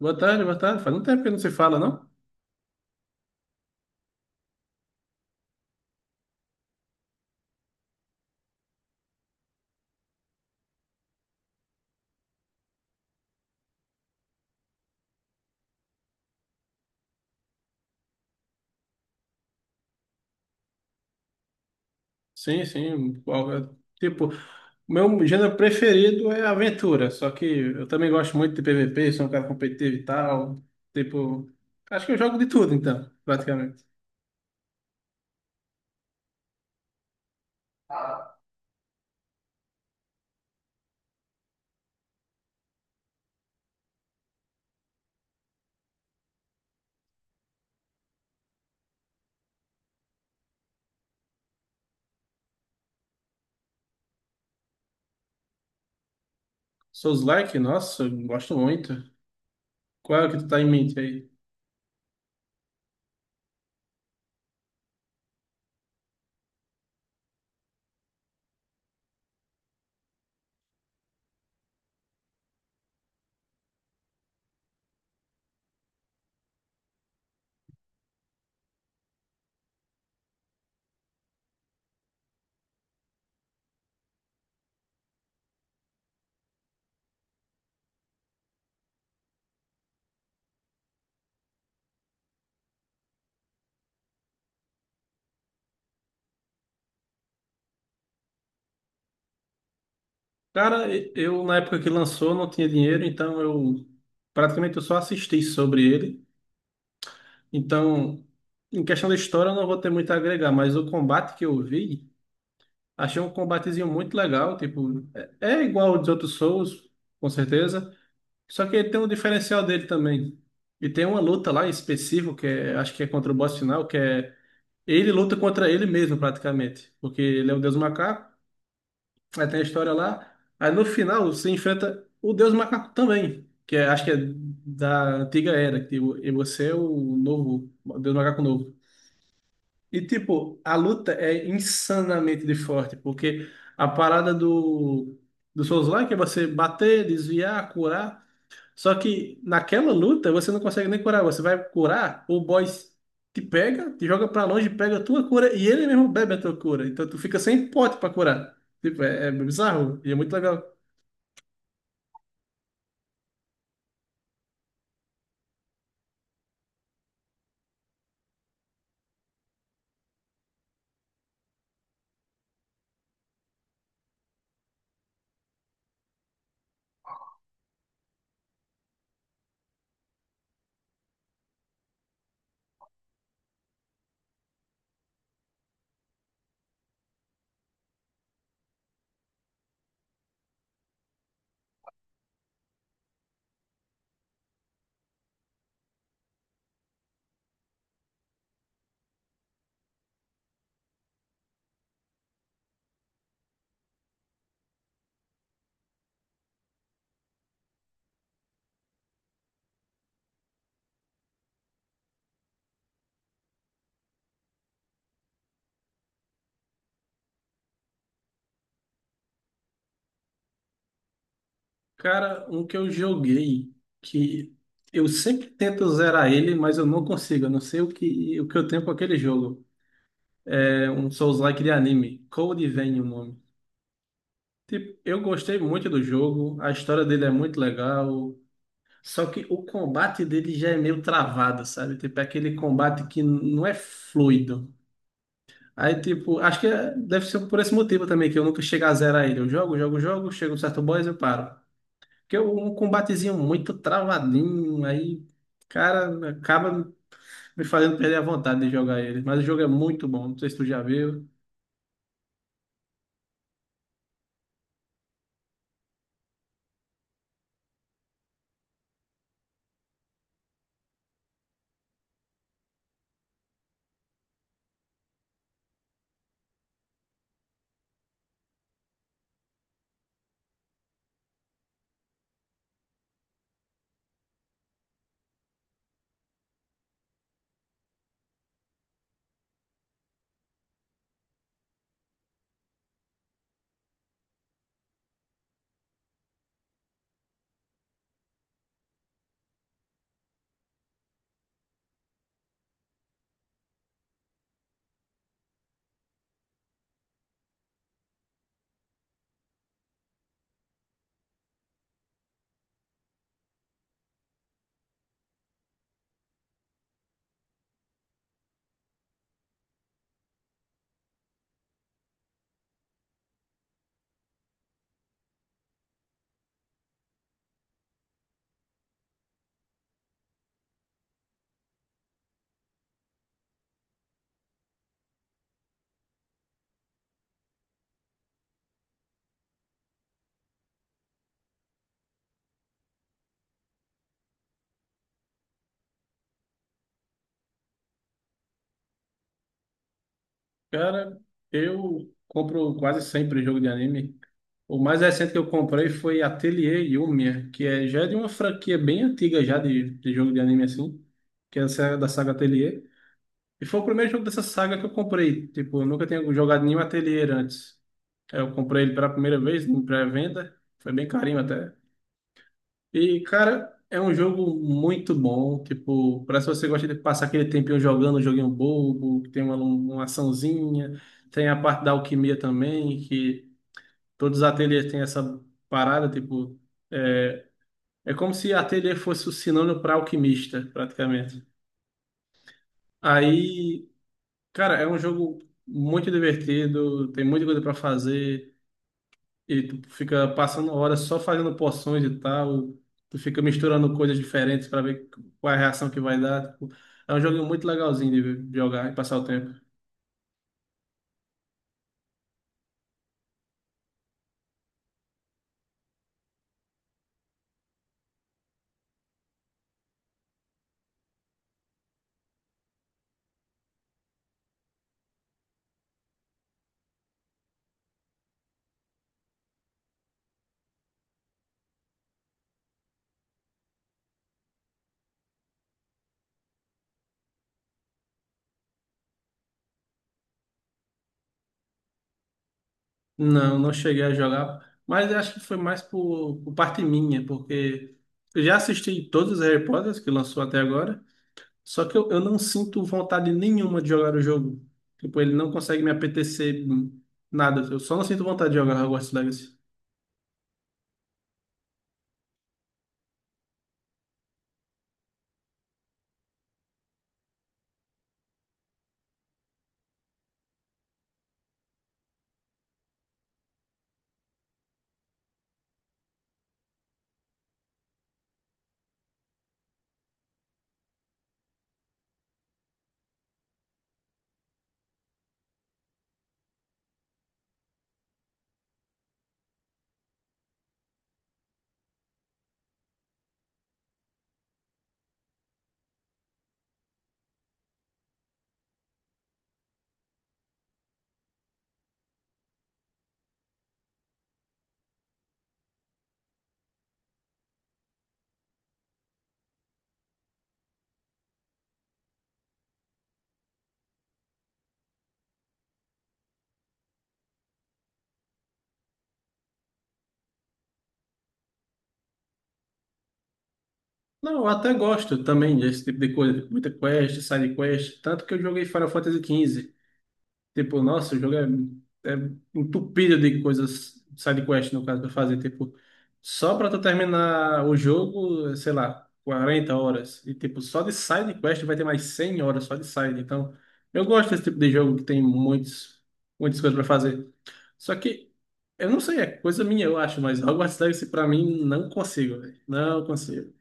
Boa tarde, boa tarde. Faz um tempo que não se fala, não? Sim, sim. Tipo, Meu gênero preferido é aventura, só que eu também gosto muito de PVP, sou um cara competitivo e tal. Tipo, Acho que eu jogo de tudo, então, praticamente. Souls-like, nossa, eu gosto muito. Qual é o que tu tá em mente aí? Cara, eu na época que lançou não tinha dinheiro, então eu praticamente eu só assisti sobre ele. Então, em questão da história eu não vou ter muito a agregar, mas o combate que eu vi. Achei um combatezinho muito legal, tipo, é igual ao dos outros Souls, com certeza, só que ele tem um diferencial dele também. E tem uma luta lá em específico, que é, acho que é contra o boss final, que é ele luta contra ele mesmo, praticamente, porque ele é o Deus Macaco. Aí tem a história lá, aí no final você enfrenta o Deus Macaco também, acho que é da antiga era, e você é o novo, o Deus Macaco novo. E, tipo, a luta é insanamente de forte, porque a parada do Souls-like é você bater, desviar, curar. Só que naquela luta você não consegue nem curar. Você vai curar, o boss te pega, te joga pra longe, pega a tua cura e ele mesmo bebe a tua cura. Então tu fica sem pote pra curar. Tipo, é bizarro e é muito legal. Cara, um que eu joguei que eu sempre tento zerar ele, mas eu não consigo. Eu não sei o que eu tenho com aquele jogo. É um Souls-like de anime. Code Vein o nome. Tipo, eu gostei muito do jogo, a história dele é muito legal, só que o combate dele já é meio travado, sabe? Tipo, é aquele combate que não é fluido. Aí, tipo, deve ser por esse motivo também, que eu nunca chego a zerar ele. Eu jogo, chego um certo boss e eu paro. Porque é um combatezinho muito travadinho, aí, cara, acaba me fazendo perder a vontade de jogar ele. Mas o jogo é muito bom, não sei se tu já viu. Cara, eu compro quase sempre jogo de anime. O mais recente que eu comprei foi Atelier Yumiya, já é de uma franquia bem antiga já de jogo de anime assim, que é essa da saga Atelier. E foi o primeiro jogo dessa saga que eu comprei. Tipo, eu nunca tinha jogado nenhum Atelier antes. Eu comprei ele pela primeira vez, em pré-venda. Foi bem carinho até. E, cara, é um jogo muito bom. Tipo, parece que você gosta de passar aquele tempinho jogando um joguinho bobo, que tem uma açãozinha. Tem a parte da alquimia também, que todos os ateliês têm essa parada, tipo. É, É como se ateliê fosse o sinônimo para alquimista, praticamente. Aí, cara, é um jogo muito divertido, tem muita coisa para fazer. E tu fica passando horas só fazendo poções e tal. Tu fica misturando coisas diferentes para ver qual é a reação que vai dar. Tipo, é um joguinho muito legalzinho de jogar e passar o tempo. Não, não cheguei a jogar, mas eu acho que foi mais por parte minha, porque eu já assisti todos os Harry Potters que lançou até agora, só que eu não sinto vontade nenhuma de jogar o jogo. Tipo, ele não consegue me apetecer nada. Eu só não sinto vontade de jogar Hogwarts Legacy. Não, eu até gosto também desse tipo de coisa. Muita quest, side quest. Tanto que eu joguei Final Fantasy 15. Tipo, nossa, o jogo é, é entupido de coisas, side quest no caso, pra fazer. Tipo, só pra tu terminar o jogo, sei lá, 40 horas. E tipo, só de side quest vai ter mais 100 horas só de side. Então, eu gosto desse tipo de jogo que tem muitos, muitas coisas pra fazer. Só que, eu não sei, é coisa minha, eu acho, mas Hogwarts Legacy pra mim não consigo, velho. Não consigo.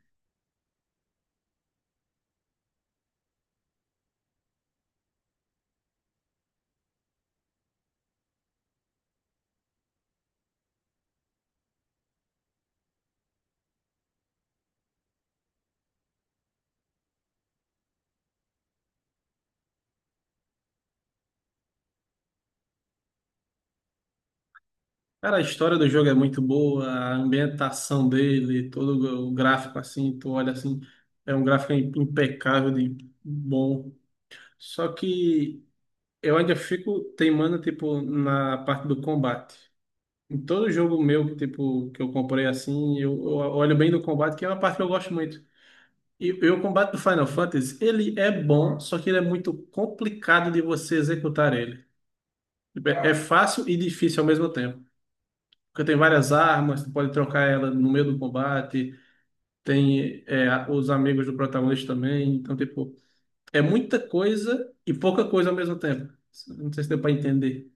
Cara, a história do jogo é muito boa, a ambientação dele, todo o gráfico assim, tu olha assim, é um gráfico impecável de bom. Só que eu ainda fico teimando, tipo, na parte do combate. Em todo jogo meu, tipo, que eu comprei assim, eu olho bem no combate, que é uma parte que eu gosto muito. E o combate do Final Fantasy, ele é bom, só que ele é muito complicado de você executar ele. Tipo, é fácil e difícil ao mesmo tempo. Porque tem várias armas, tu pode trocar ela no meio do combate, tem os amigos do protagonista também. Então, tipo, é muita coisa e pouca coisa ao mesmo tempo. Não sei se deu pra entender.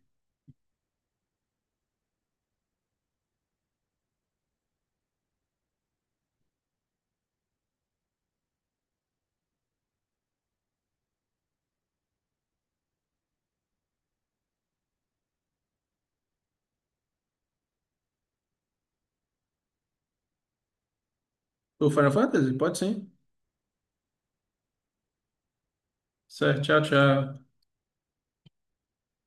O Final Fantasy? Pode sim. Certo, tchau, tchau.